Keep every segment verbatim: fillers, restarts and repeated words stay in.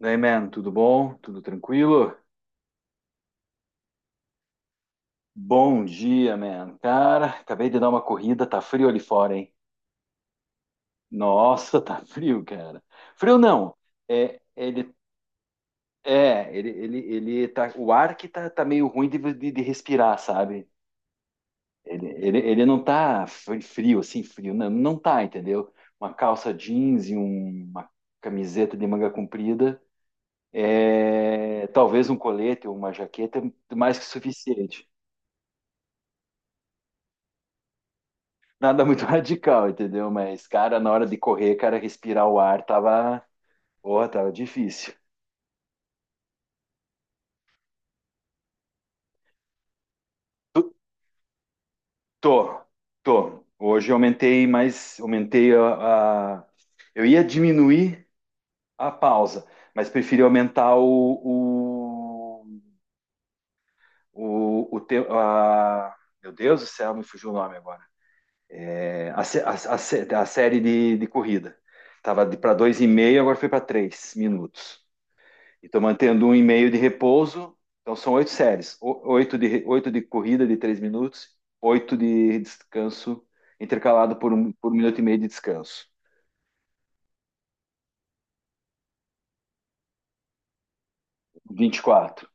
Daí, man, tudo bom? Tudo tranquilo? Bom dia, man. Cara, acabei de dar uma corrida, tá frio ali fora, hein? Nossa, tá frio, cara. Frio não. É, ele, é, ele, ele, ele tá, o ar que tá, tá meio ruim de, de, de respirar, sabe? Ele, ele, ele não tá fri- frio, assim, frio, não, não tá, entendeu? Uma calça jeans e um- uma camiseta de manga comprida, é, talvez um colete ou uma jaqueta, é mais que suficiente. Nada muito radical, entendeu? Mas, cara, na hora de correr, cara, respirar o ar tava, porra, tava difícil. Tu- Tô, tô. Hoje eu aumentei mais, aumentei a, a- Eu ia diminuir a pausa, mas preferi aumentar o, o, o, o te- a- Meu Deus do céu, me fugiu o nome agora. É, a, sé- a, a sé- a série de, de corrida. Tava de para dois e meio, agora foi para três minutos. E estou mantendo um e meio de repouso. Então são oito séries. O- Oito de, oito de, corrida de três minutos, oito de descanso, intercalado por um, por um minuto e meio de descanso. vinte e quatro.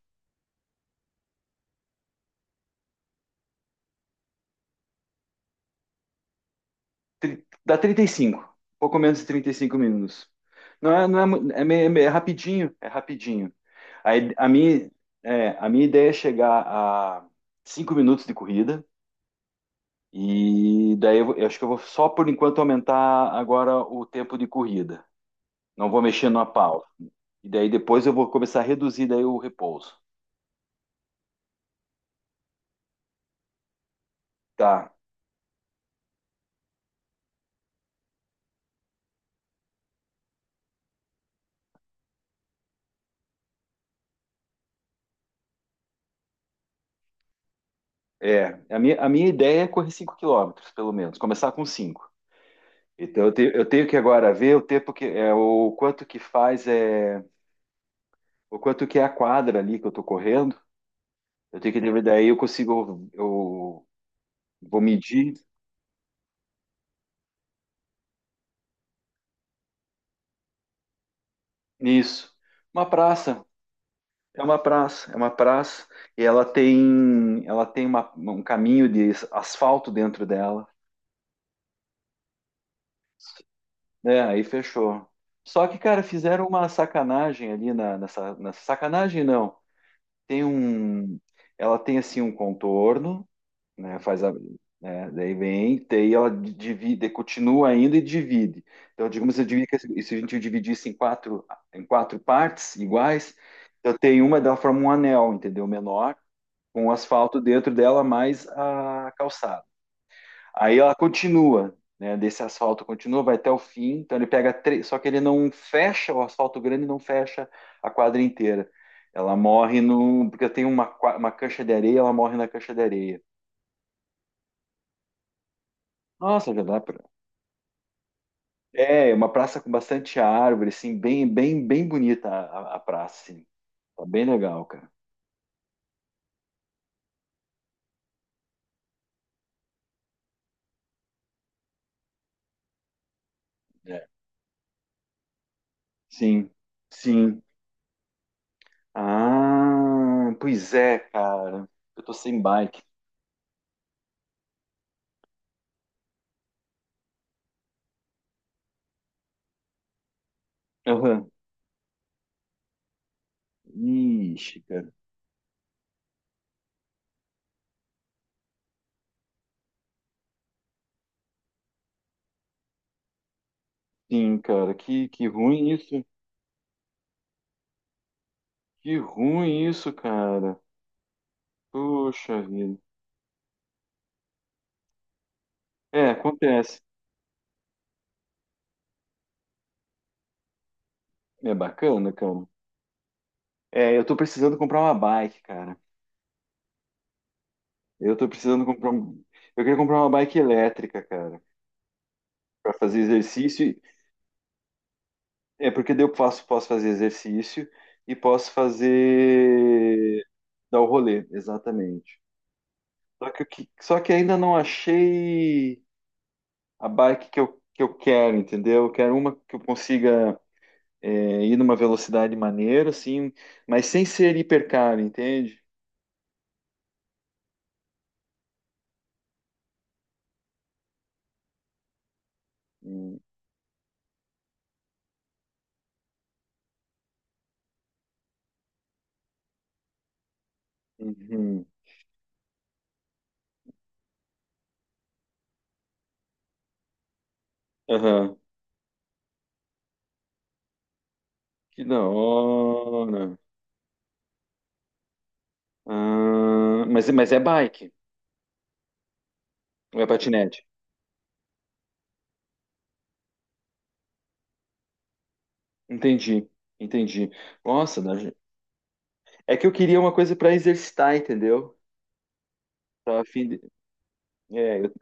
Tri- Dá trinta e cinco. Pouco menos de trinta e cinco minutos. Não é, não é, mu- é, meio- é meio- é rapidinho, é rapidinho. Aí, a minha, é, a minha ideia é chegar a cinco minutos de corrida. E daí eu, vou- eu acho que eu vou só por enquanto aumentar agora o tempo de corrida. Não vou mexer na pausa. E daí depois eu vou começar a reduzir daí o repouso. Tá. É, a minha, a minha ideia é correr cinco quilômetros pelo menos, começar com cinco. Então eu, te- eu tenho que agora ver o tempo que é o quanto que faz é o quanto que é a quadra ali que eu tô correndo. Eu tenho que ver daí eu consigo eu vou medir nisso. Uma praça, é uma praça, é uma praça e ela tem ela tem uma- um caminho de asfalto dentro dela. É, aí fechou. Só que, cara, fizeram uma sacanagem ali na, nessa, nessa sacanagem, não. Tem um. Ela tem assim um contorno, né? Faz a. Né, daí vem, tem ela divide, continua ainda e divide. Então, digamos, eu dividi, que se se a gente dividisse em quatro, em quatro partes iguais, eu tenho uma dela forma um anel, entendeu? Menor, com o asfalto dentro dela mais a calçada. Aí ela continua, né? Desse asfalto continua, vai até o fim. Então ele pega três, só que ele não fecha o asfalto grande, não fecha a quadra inteira. Ela morre no, porque tem uma, qua- uma cancha de areia, ela morre na cancha de areia. Nossa, já dá pra. É, uma praça com bastante árvore, assim, bem, bem, bem bonita a, a- a praça, assim. Tá bem legal, cara. É. Sim, sim. Ah, pois é, cara. Eu tô sem bike. Aham. Ixi, cara. Sim, cara, que, que ruim isso, que ruim isso, cara. Puxa vida. É, acontece. É bacana, cara. É, eu tô precisando comprar uma bike, cara. Eu tô precisando comprar um. Eu queria comprar uma bike elétrica, cara, pra fazer exercício. e- É porque daí eu posso, posso fazer exercício e posso fazer dar o rolê, exatamente. Só que, o que- só que ainda não achei a bike que eu, que eu quero, entendeu? Eu quero uma que eu consiga é, ir numa velocidade maneira, assim, mas sem ser hipercaro, entende? Hum. Uhum. Aham. Que da hora. Ah, mas, mas é bike, ou é patinete? Entendi, entendi. Nossa, né? É que eu queria uma coisa para exercitar, entendeu? Tava a fim de. É, eu-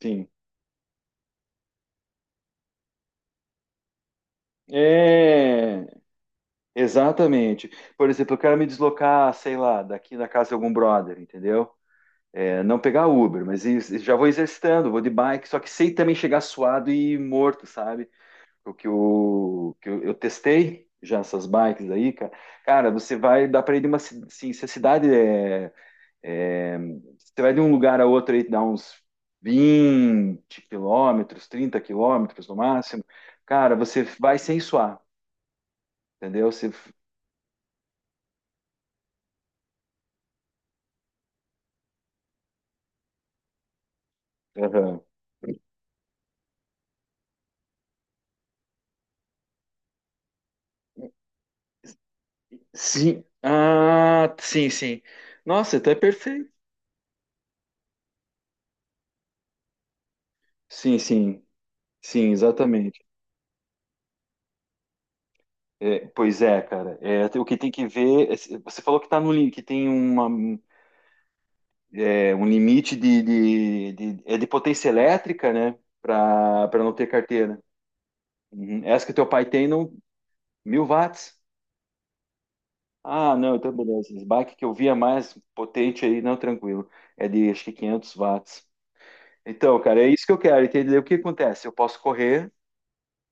sim. É, exatamente. Por exemplo, eu quero me deslocar, sei lá, daqui da casa de algum brother, entendeu? É, não pegar Uber, mas isso- já vou exercitando, vou de bike, só que sei também chegar suado e morto, sabe? O que eu, que eu, eu testei já essas bikes aí, cara. Cara, você vai, dá pra ir de uma, ci- assim, se a cidade é, é, você vai de um lugar a outro aí, dá uns vinte quilômetros, trinta quilômetros no máximo. Cara, você vai sem suar, entendeu? Você. Aham. Sim, ah, sim, sim. Nossa, até perfeito. Sim, sim, sim, exatamente. É, pois é, cara. É, o que tem que ver. Você falou que tá no, lim- que tem uma, é, um limite de, de, de- é de potência elétrica, né? Para para não ter carteira. Uhum. Essa que teu pai tem, não, mil watts. Ah, não, então beleza. Esse bike que eu via mais potente aí, não, tranquilo. É de acho que quinhentos watts. Então, cara, é isso que eu quero, entendeu? O que acontece? Eu posso correr,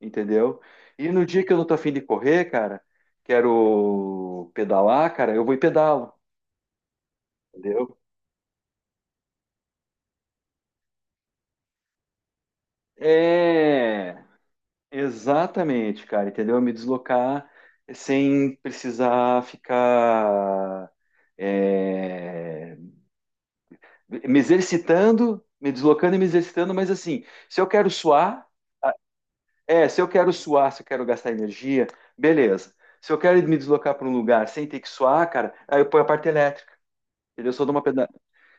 entendeu? E no dia que eu não tô afim de correr, cara, quero pedalar, cara, eu vou e pedalo. Entendeu? É, exatamente, cara, entendeu? Me deslocar sem precisar ficar é, me exercitando, me deslocando e me exercitando, mas assim, se eu quero suar, é, se eu quero suar, se eu quero gastar energia, beleza. Se eu quero me deslocar para um lugar sem ter que suar, cara, aí eu ponho a parte elétrica, entendeu? Eu sou de uma peda.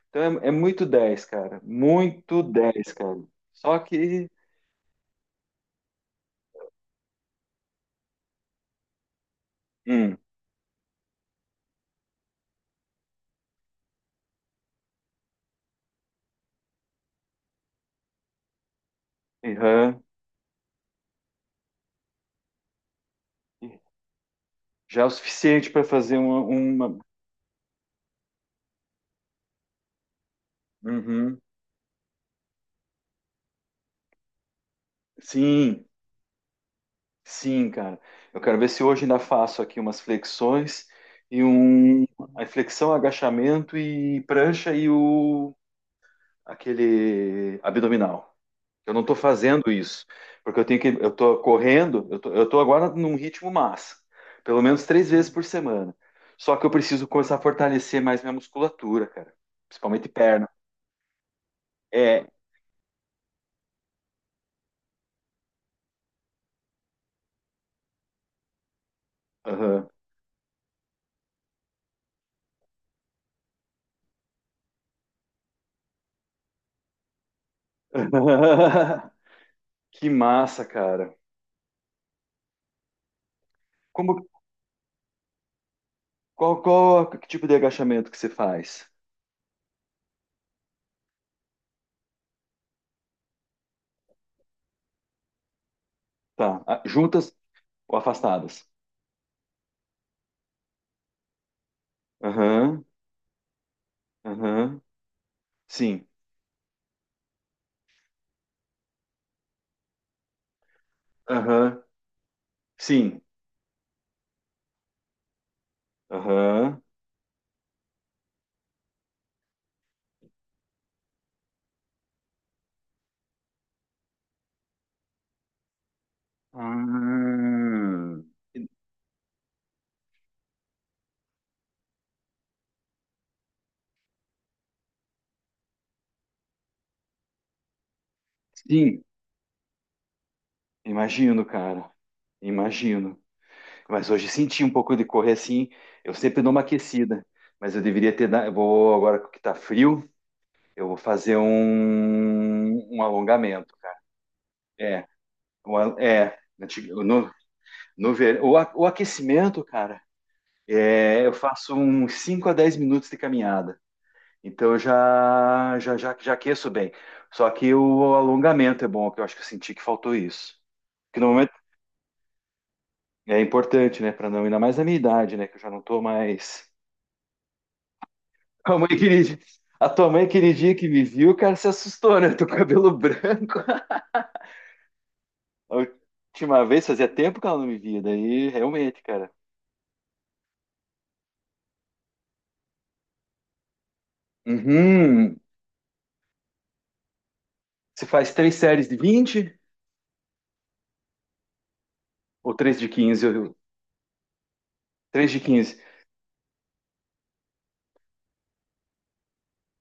Então é, é muito dez, cara, muito dez, cara. Só que, hum, aham. Já é o suficiente para fazer uma, uma- Uhum. Sim, sim, cara. Eu quero ver se hoje ainda faço aqui umas flexões e um. A flexão, agachamento e prancha e o aquele abdominal. Eu não estou fazendo isso, porque eu tenho que. Eu estou correndo, eu tô, eu tô agora num ritmo massa, pelo menos três vezes por semana. Só que eu preciso começar a fortalecer mais minha musculatura, cara. Principalmente perna. É. Aham. Que massa, cara. Como, qual, qual, que tipo de agachamento que você faz? Tá. Ah, juntas ou afastadas? Aham, aham. Sim. Aham, sim. Aham. Ah, sim, imagino, cara. Imagino. Mas hoje senti um pouco de correr assim. Eu sempre dou uma aquecida, mas eu deveria ter. da- eu Vou agora que tá frio, eu vou fazer um, um alongamento, cara. É, um al- é. Antig- no- No ver... o, a- o aquecimento, cara, é, eu faço uns cinco a dez minutos de caminhada. Então eu já, já, já, já aqueço bem. Só que o alongamento é bom, que eu acho que eu senti que faltou isso. Que no momento é importante, né? Para não, ainda mais na minha idade, né? Que eu já não tô mais. A mãe aquele dia- a tua mãe aquele dia que me viu, cara, se assustou, né? Tô com cabelo branco. A última vez fazia tempo que ela não me via, daí realmente, cara. Uhum. Você faz três séries de vinte ou três de quinze três de quinze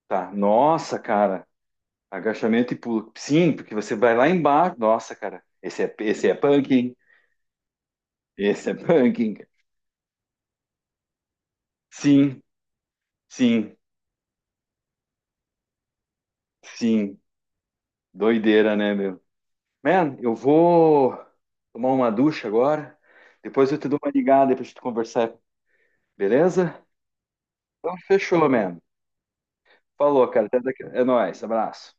Tá. Nossa, cara. Agachamento e pulo. Sim, porque você vai lá embaixo. Nossa, cara. Esse é, esse é punk, esse é punk. Sim, sim, sim. Doideira, né, meu? Man, eu vou tomar uma ducha agora. Depois eu te dou uma ligada pra gente conversar, beleza? Então, fechou, man. Falou, cara. Até daqui. É nóis. Abraço.